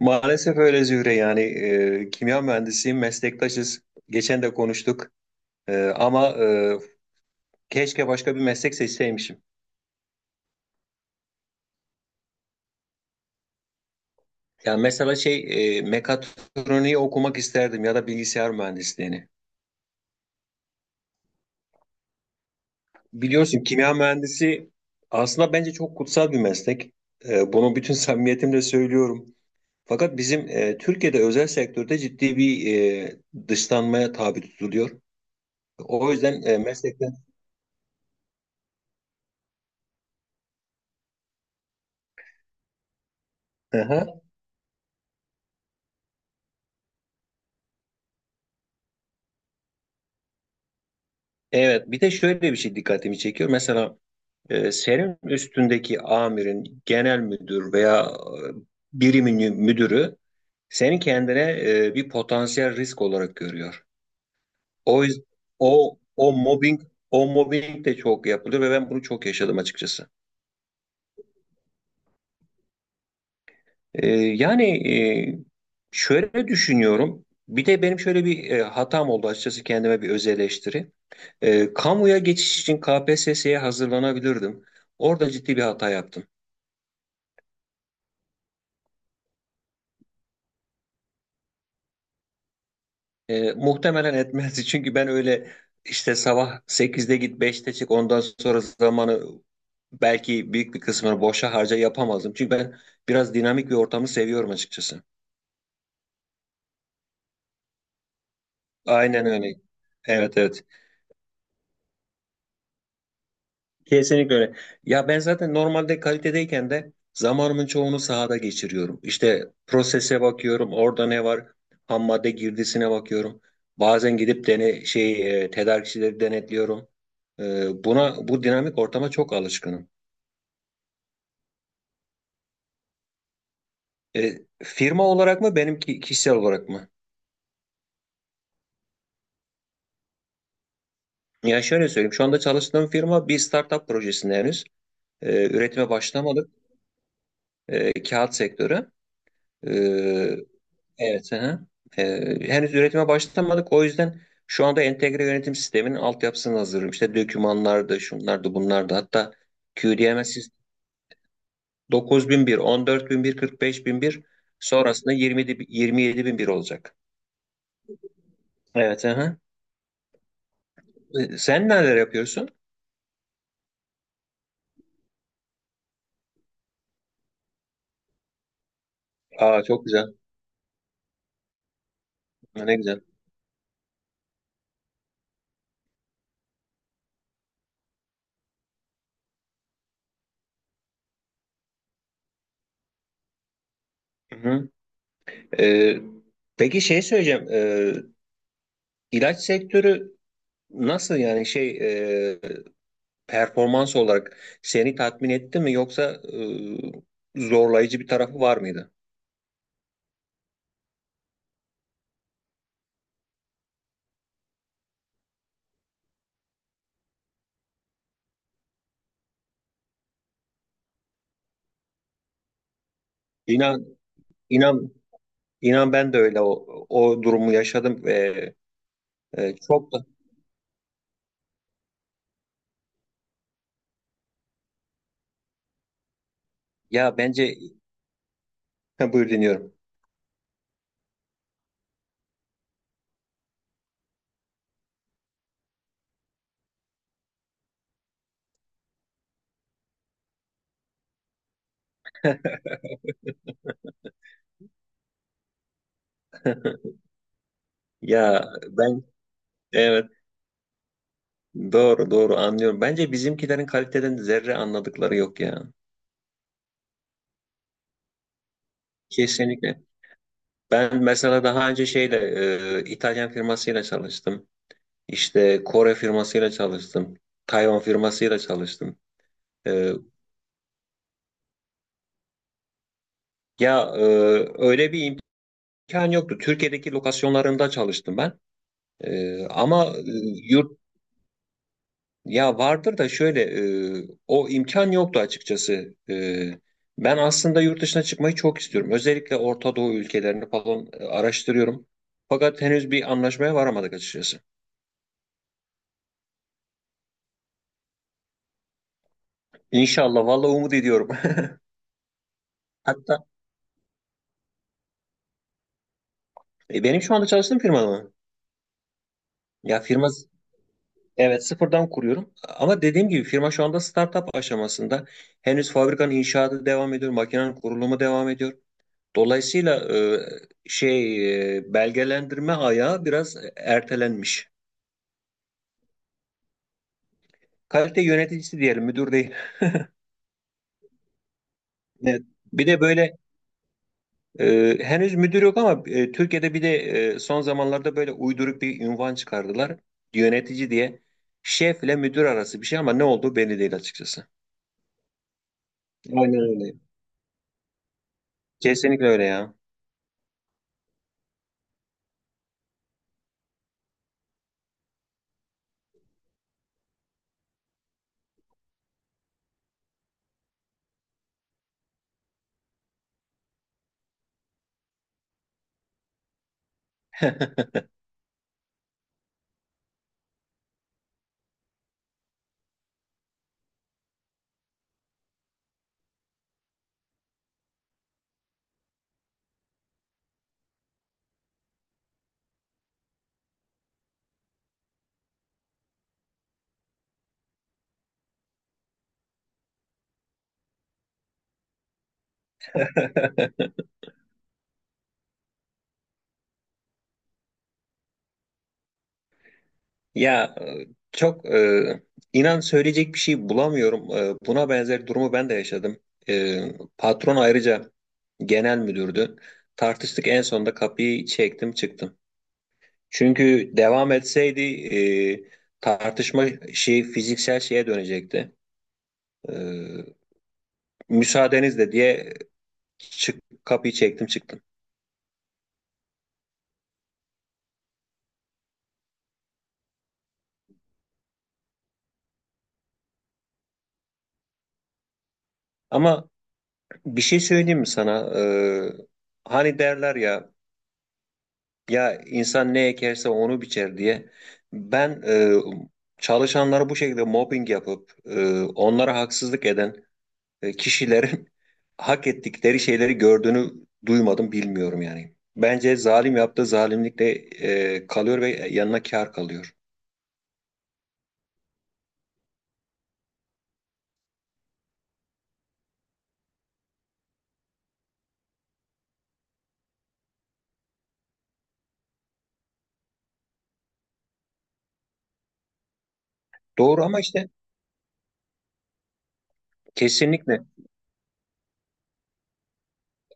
Maalesef öyle Zühre yani kimya mühendisiyim, meslektaşız. Geçen de konuştuk. Ama keşke başka bir meslek seçseymişim. Yani mesela şey mekatroniği okumak isterdim ya da bilgisayar mühendisliğini. Biliyorsun kimya mühendisi aslında bence çok kutsal bir meslek. Bunu bütün samimiyetimle söylüyorum. Fakat bizim Türkiye'de özel sektörde ciddi bir e, dışlanmaya tabi tutuluyor. O yüzden meslekten... Evet, bir de şöyle bir şey dikkatimi çekiyor. Mesela senin üstündeki amirin, genel müdür veya birimin müdürü seni kendine bir potansiyel risk olarak görüyor. O yüz- o o mobbing o mobbing de çok yapılıyor ve ben bunu çok yaşadım açıkçası. Yani e, şöyle düşünüyorum. Bir de benim şöyle bir hatam oldu açıkçası kendime bir öz eleştiri. Kamuya geçiş için KPSS'ye hazırlanabilirdim. Orada ciddi bir hata yaptım. Muhtemelen etmez çünkü ben öyle işte sabah 8'de git 5'te çık ondan sonra zamanı belki büyük bir kısmını boşa harca yapamazdım. Çünkü ben biraz dinamik bir ortamı seviyorum açıkçası. Aynen öyle. Evet, evet. Kesinlikle öyle. Ya ben zaten normalde kalitedeyken de zamanımın çoğunu sahada geçiriyorum. İşte prosese bakıyorum, orada ne var, ham madde girdisine bakıyorum. Bazen gidip şey tedarikçileri denetliyorum. E, buna Bu dinamik ortama çok alışkınım. Firma olarak mı benimki kişisel olarak mı? Ya şöyle söyleyeyim, şu anda çalıştığım firma bir startup projesinde henüz. Üretime başlamadık. Kağıt sektörü. E, Evet. Hı hı. Henüz üretime başlamadık. O yüzden şu anda entegre yönetim sisteminin altyapısını hazırlıyorum. İşte dokümanlar da, şunlar da, bunlar da. Hatta QDMS 45001. Sonrasında 27001 olacak. Evet. Hı hı. Sen neler yapıyorsun? Aa, çok güzel. Ne güzel. Hı hı. Ee, peki şey söyleyeceğim. İlaç sektörü nasıl yani şey ee, performans olarak seni tatmin etti mi yoksa zorlayıcı bir tarafı var mıydı? İnan inan inan ben de öyle o durumu yaşadım ve çok da ya bence buyur dinliyorum. Ya ben, evet, doğru doğru anlıyorum. Bence bizimkilerin kaliteden zerre anladıkları yok ya. Kesinlikle. Ben mesela daha önce şeyle İtalyan firmasıyla çalıştım. İşte Kore firmasıyla çalıştım. Tayvan firmasıyla çalıştım. E, Ya öyle bir imkan yoktu. Türkiye'deki lokasyonlarında çalıştım ben. Ama yurt ya vardır da şöyle o imkan yoktu açıkçası. Ben aslında yurt dışına çıkmayı çok istiyorum. Özellikle Orta Doğu ülkelerini falan araştırıyorum. Fakat henüz bir anlaşmaya varamadık açıkçası. İnşallah, vallahi umut ediyorum. Hatta benim şu anda çalıştığım firma mı? Ya firma Evet, sıfırdan kuruyorum. Ama dediğim gibi firma şu anda startup aşamasında. Henüz fabrikanın inşaatı devam ediyor, makinenin kurulumu devam ediyor. Dolayısıyla şey belgelendirme ayağı biraz ertelenmiş. Kalite yöneticisi diyelim, müdür değil. Evet. Bir de böyle henüz müdür yok ama Türkiye'de bir de son zamanlarda böyle uyduruk bir unvan çıkardılar. Yönetici diye. Şefle müdür arası bir şey ama ne olduğu belli değil açıkçası. Aynen öyle. Kesinlikle öyle ya. Ya çok inan söyleyecek bir şey bulamıyorum. Buna benzer durumu ben de yaşadım. E, Patron ayrıca genel müdürdü. Tartıştık en sonunda kapıyı çektim çıktım. Çünkü devam etseydi tartışma şey fiziksel şeye dönecekti. E, Müsaadenizle diye kapıyı çektim çıktım. Ama bir şey söyleyeyim mi sana? Hani derler ya. Ya insan ne ekerse onu biçer diye ben çalışanları bu şekilde mobbing yapıp onlara haksızlık eden kişilerin hak ettikleri şeyleri gördüğünü duymadım bilmiyorum yani. Bence zalim yaptığı zalimlikle kalıyor ve yanına kâr kalıyor. Doğru ama işte kesinlikle.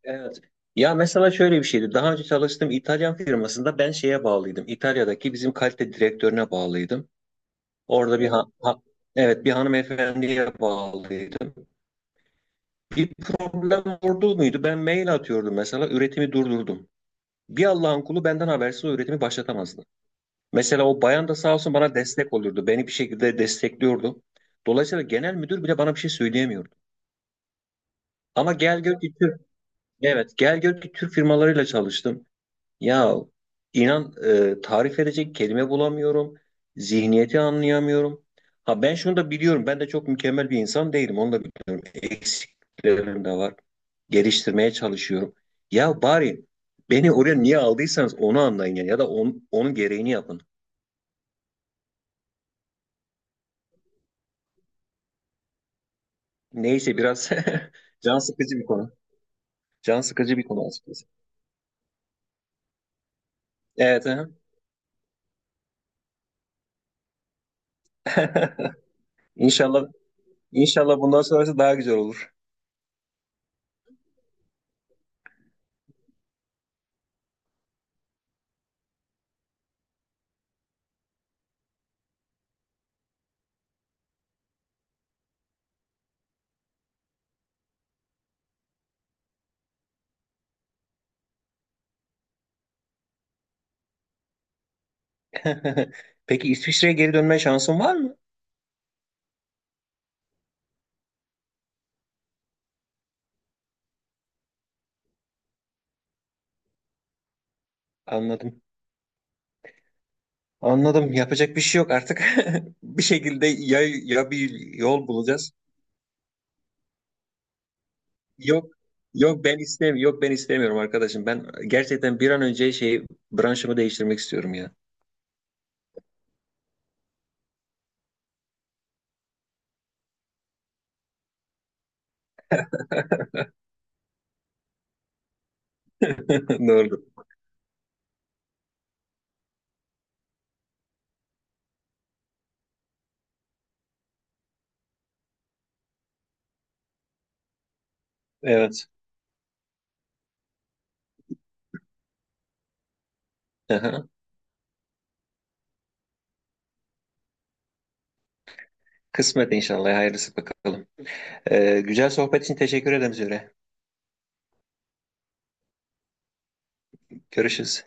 Evet. Ya mesela şöyle bir şeydi. Daha önce çalıştığım İtalyan firmasında ben şeye bağlıydım. İtalya'daki bizim kalite direktörüne bağlıydım. Orada evet, bir hanımefendiye bağlıydım. Bir problem oldu muydu? Ben mail atıyordum mesela üretimi durdurdum. Bir Allah'ın kulu benden habersiz o üretimi başlatamazdı. Mesela o bayan da sağ olsun bana destek olurdu. Beni bir şekilde destekliyordu. Dolayısıyla genel müdür bile bana bir şey söyleyemiyordu. Ama gel gör ki Türk, evet, gel gör ki Türk firmalarıyla çalıştım. Ya inan tarif edecek kelime bulamıyorum. Zihniyeti anlayamıyorum. Ha ben şunu da biliyorum. Ben de çok mükemmel bir insan değilim. Onu da biliyorum. Eksiklerim de var. Geliştirmeye çalışıyorum. Ya bari beni oraya niye aldıysanız onu anlayın yani. Ya da onun gereğini yapın. Neyse biraz can sıkıcı bir konu. Can sıkıcı bir konu açıkçası. Evet. Aha. İnşallah inşallah bundan sonrası daha güzel olur. Peki İsviçre'ye geri dönme şansın var mı? Anladım. Anladım. Yapacak bir şey yok artık. Bir şekilde ya bir yol bulacağız. Yok. Yok ben istemiyorum. Yok ben istemiyorum arkadaşım. Ben gerçekten bir an önce şey branşımı değiştirmek istiyorum ya. Doğru. Evet. Aha. Kısmet inşallah. Hayırlısı bakalım. Güzel sohbet için teşekkür ederim Zühre. Görüşürüz.